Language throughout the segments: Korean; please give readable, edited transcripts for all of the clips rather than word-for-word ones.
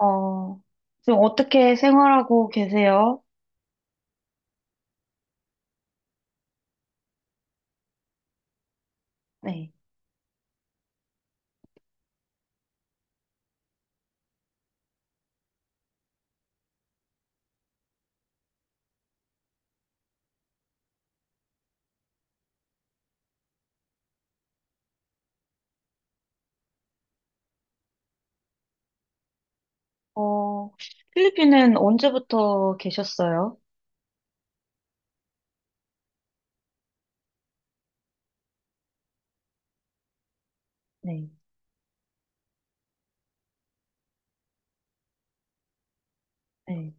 어, 지금 어떻게 생활하고 계세요? 네. 어, 필리핀은 언제부터 계셨어요? 네. 네.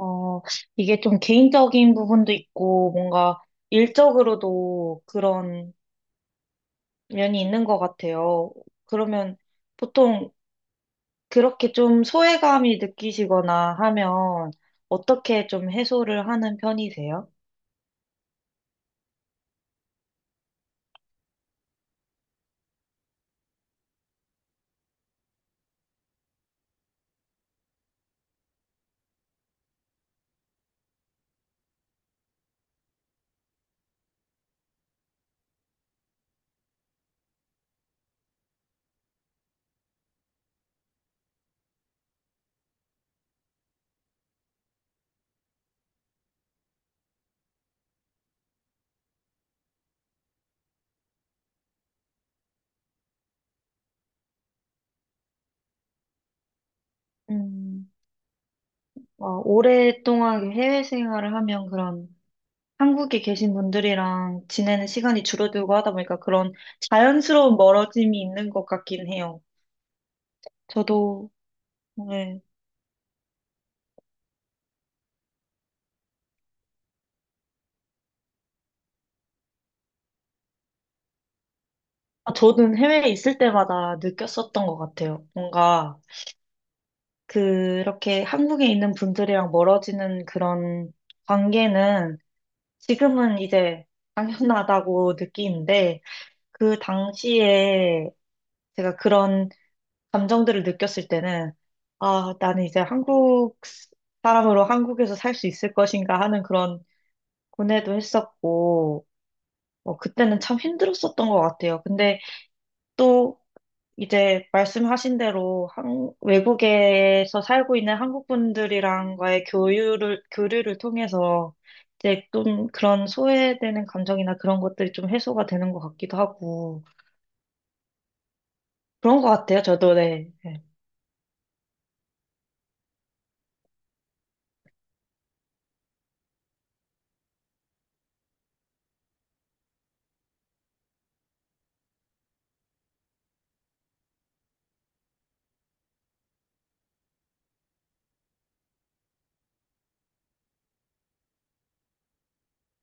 어, 이게 좀 개인적인 부분도 있고, 뭔가 일적으로도 그런 면이 있는 것 같아요. 그러면 보통 그렇게 좀 소외감이 느끼시거나 하면 어떻게 좀 해소를 하는 편이세요? 음, 어, 오랫동안 해외 생활을 하면 그런 한국에 계신 분들이랑 지내는 시간이 줄어들고 하다 보니까 그런 자연스러운 멀어짐이 있는 것 같긴 해요. 저도, 네. 아, 저는 해외에 있을 때마다 느꼈었던 것 같아요. 뭔가 그렇게 한국에 있는 분들이랑 멀어지는 그런 관계는 지금은 이제 당연하다고 느끼는데 그 당시에 제가 그런 감정들을 느꼈을 때는, 아, 나는 이제 한국 사람으로 한국에서 살 수 있을 것인가 하는 그런 고뇌도 했었고, 어, 그때는 참 힘들었었던 것 같아요. 근데 또 이제 말씀하신 대로 외국에서 살고 있는 한국 분들이랑과의 교류를 통해서 이제 좀 그런 소외되는 감정이나 그런 것들이 좀 해소가 되는 것 같기도 하고, 그런 것 같아요. 저도 네. 네,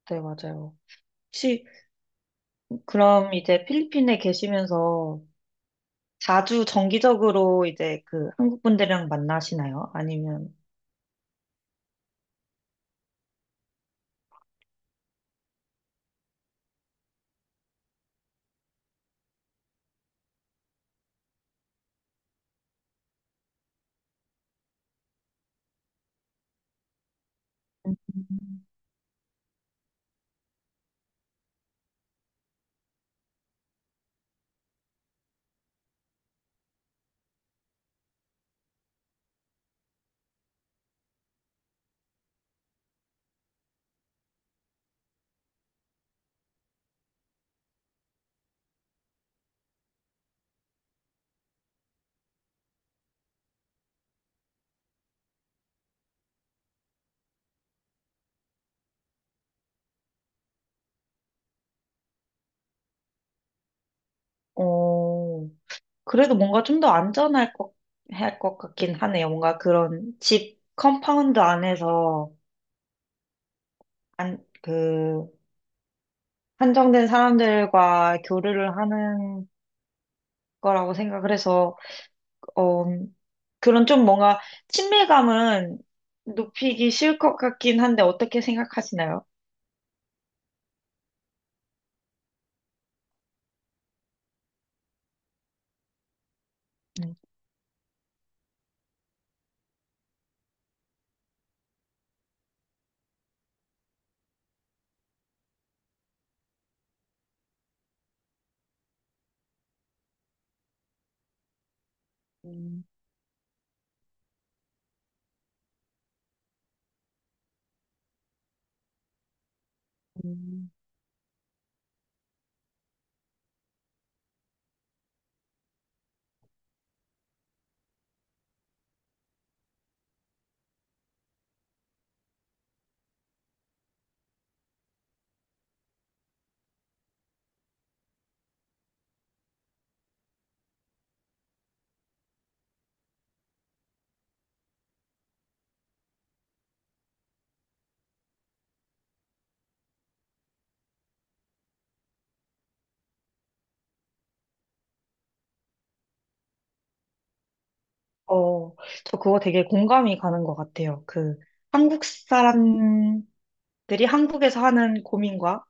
네, 맞아요. 혹시 그럼 이제 필리핀에 계시면서 자주 정기적으로 이제 그 한국 분들이랑 만나시나요? 아니면, 음. 어, 그래도 뭔가 좀 더 할 것 같긴 하네요. 뭔가 그런 집 컴파운드 안에서 안, 그, 한정된 사람들과 교류를 하는 거라고 생각을 해서, 어, 그런 좀 뭔가 친밀감은 높이기 쉬울 것 같긴 한데 어떻게 생각하시나요? 음. 음. 어, 저 그거 되게 공감이 가는 것 같아요. 그, 한국 사람들이 한국에서 하는 고민과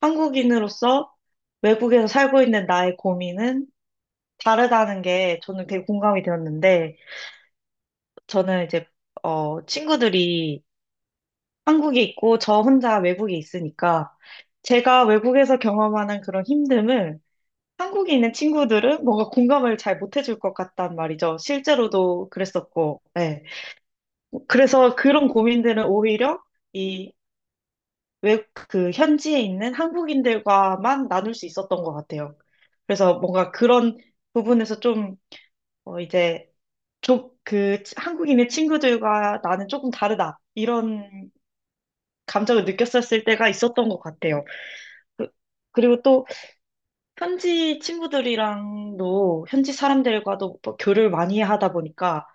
한국인으로서 외국에서 살고 있는 나의 고민은 다르다는 게 저는 되게 공감이 되었는데, 저는 이제, 어, 친구들이 한국에 있고 저 혼자 외국에 있으니까, 제가 외국에서 경험하는 그런 힘듦을 한국에 있는 친구들은 뭔가 공감을 잘 못해줄 것 같단 말이죠. 실제로도 그랬었고, 예. 그래서 그런 고민들은 오히려 이 외국 그 현지에 있는 한국인들과만 나눌 수 있었던 것 같아요. 그래서 뭔가 그런 부분에서 좀 어, 이제 좀그 한국인의 친구들과 나는 조금 다르다 이런 감정을 느꼈었을 때가 있었던 것 같아요. 그, 그리고 또 현지 친구들이랑도 현지 사람들과도 뭐 교류를 많이 하다 보니까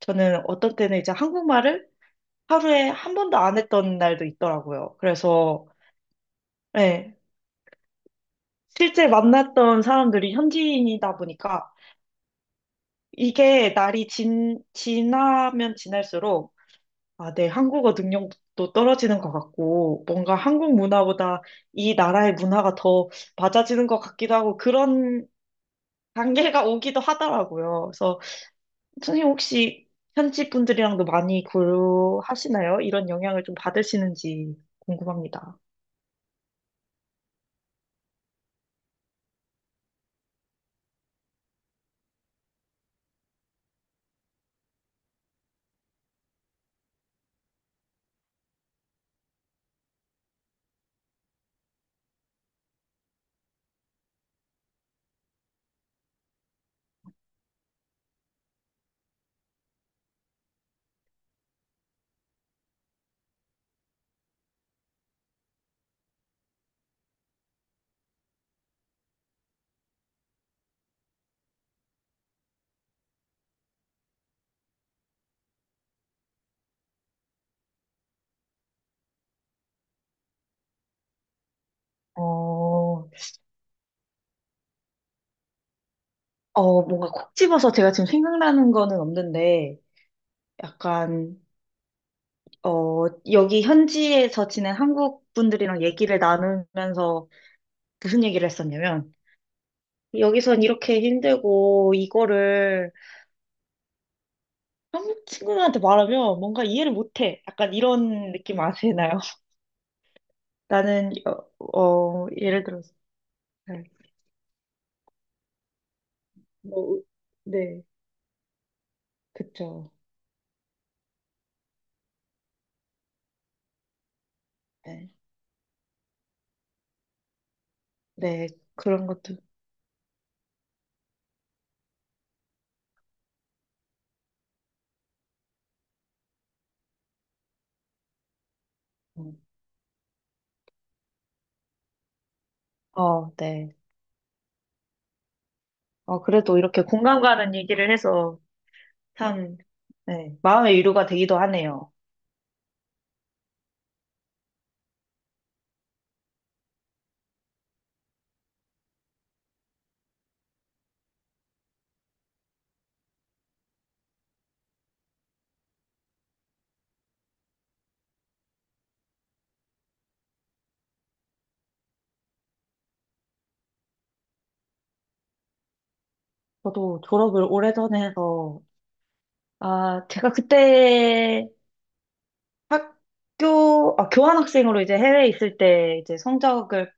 저는 어떤 때는 이제 한국말을 하루에 한 번도 안 했던 날도 있더라고요. 그래서, 예, 실제 만났던 사람들이 현지인이다 보니까 이게 지나면 지날수록 아, 내 한국어 능력도 떨어지는 것 같고 뭔가 한국 문화보다 이 나라의 문화가 더 맞아지는 것 같기도 하고 그런 단계가 오기도 하더라고요. 그래서 선생님 혹시 현지 분들이랑도 많이 교류하시나요? 이런 영향을 좀 받으시는지 궁금합니다. 어, 뭔가 콕 집어서 제가 지금 생각나는 거는 없는데, 약간, 어, 여기 현지에서 지낸 한국 분들이랑 얘기를 나누면서 무슨 얘기를 했었냐면, 여기선 이렇게 힘들고, 이거를 한국 친구들한테 말하면 뭔가 이해를 못해. 약간 이런 느낌 아시나요? 나는, 예를 들어서, 네, 뭐, 네, 그쵸. 네, 네, 그런 것도. 어, 네. 어, 그래도 이렇게 공감 가는 얘기를 해서 참, 네, 마음의 위로가 되기도 하네요. 저도 졸업을 오래전에 해서, 아, 제가 그때 아, 교환학생으로 이제 해외에 있을 때 이제 성적을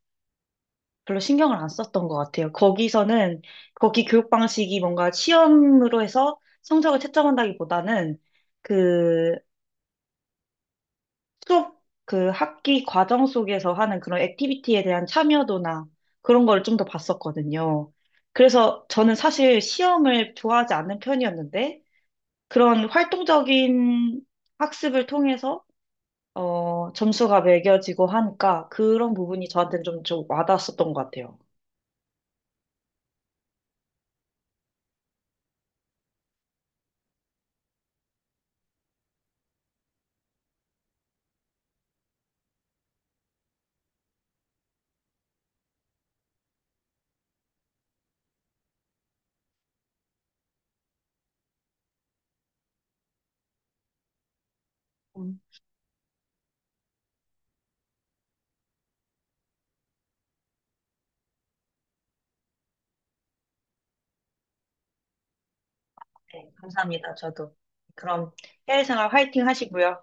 별로 신경을 안 썼던 것 같아요. 거기서는, 거기 교육 방식이 뭔가 시험으로 해서 성적을 채점한다기보다는 그 수업 그 학기 과정 속에서 하는 그런 액티비티에 대한 참여도나 그런 걸 좀 더 봤었거든요. 그래서 저는 사실 시험을 좋아하지 않는 편이었는데 그런 활동적인 학습을 통해서 어, 점수가 매겨지고 하니까 그런 부분이 저한테는 좀 와닿았었던 것 같아요. 음, 네, 감사합니다. 저도. 그럼 해외 생활 화이팅 하시고요.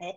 네.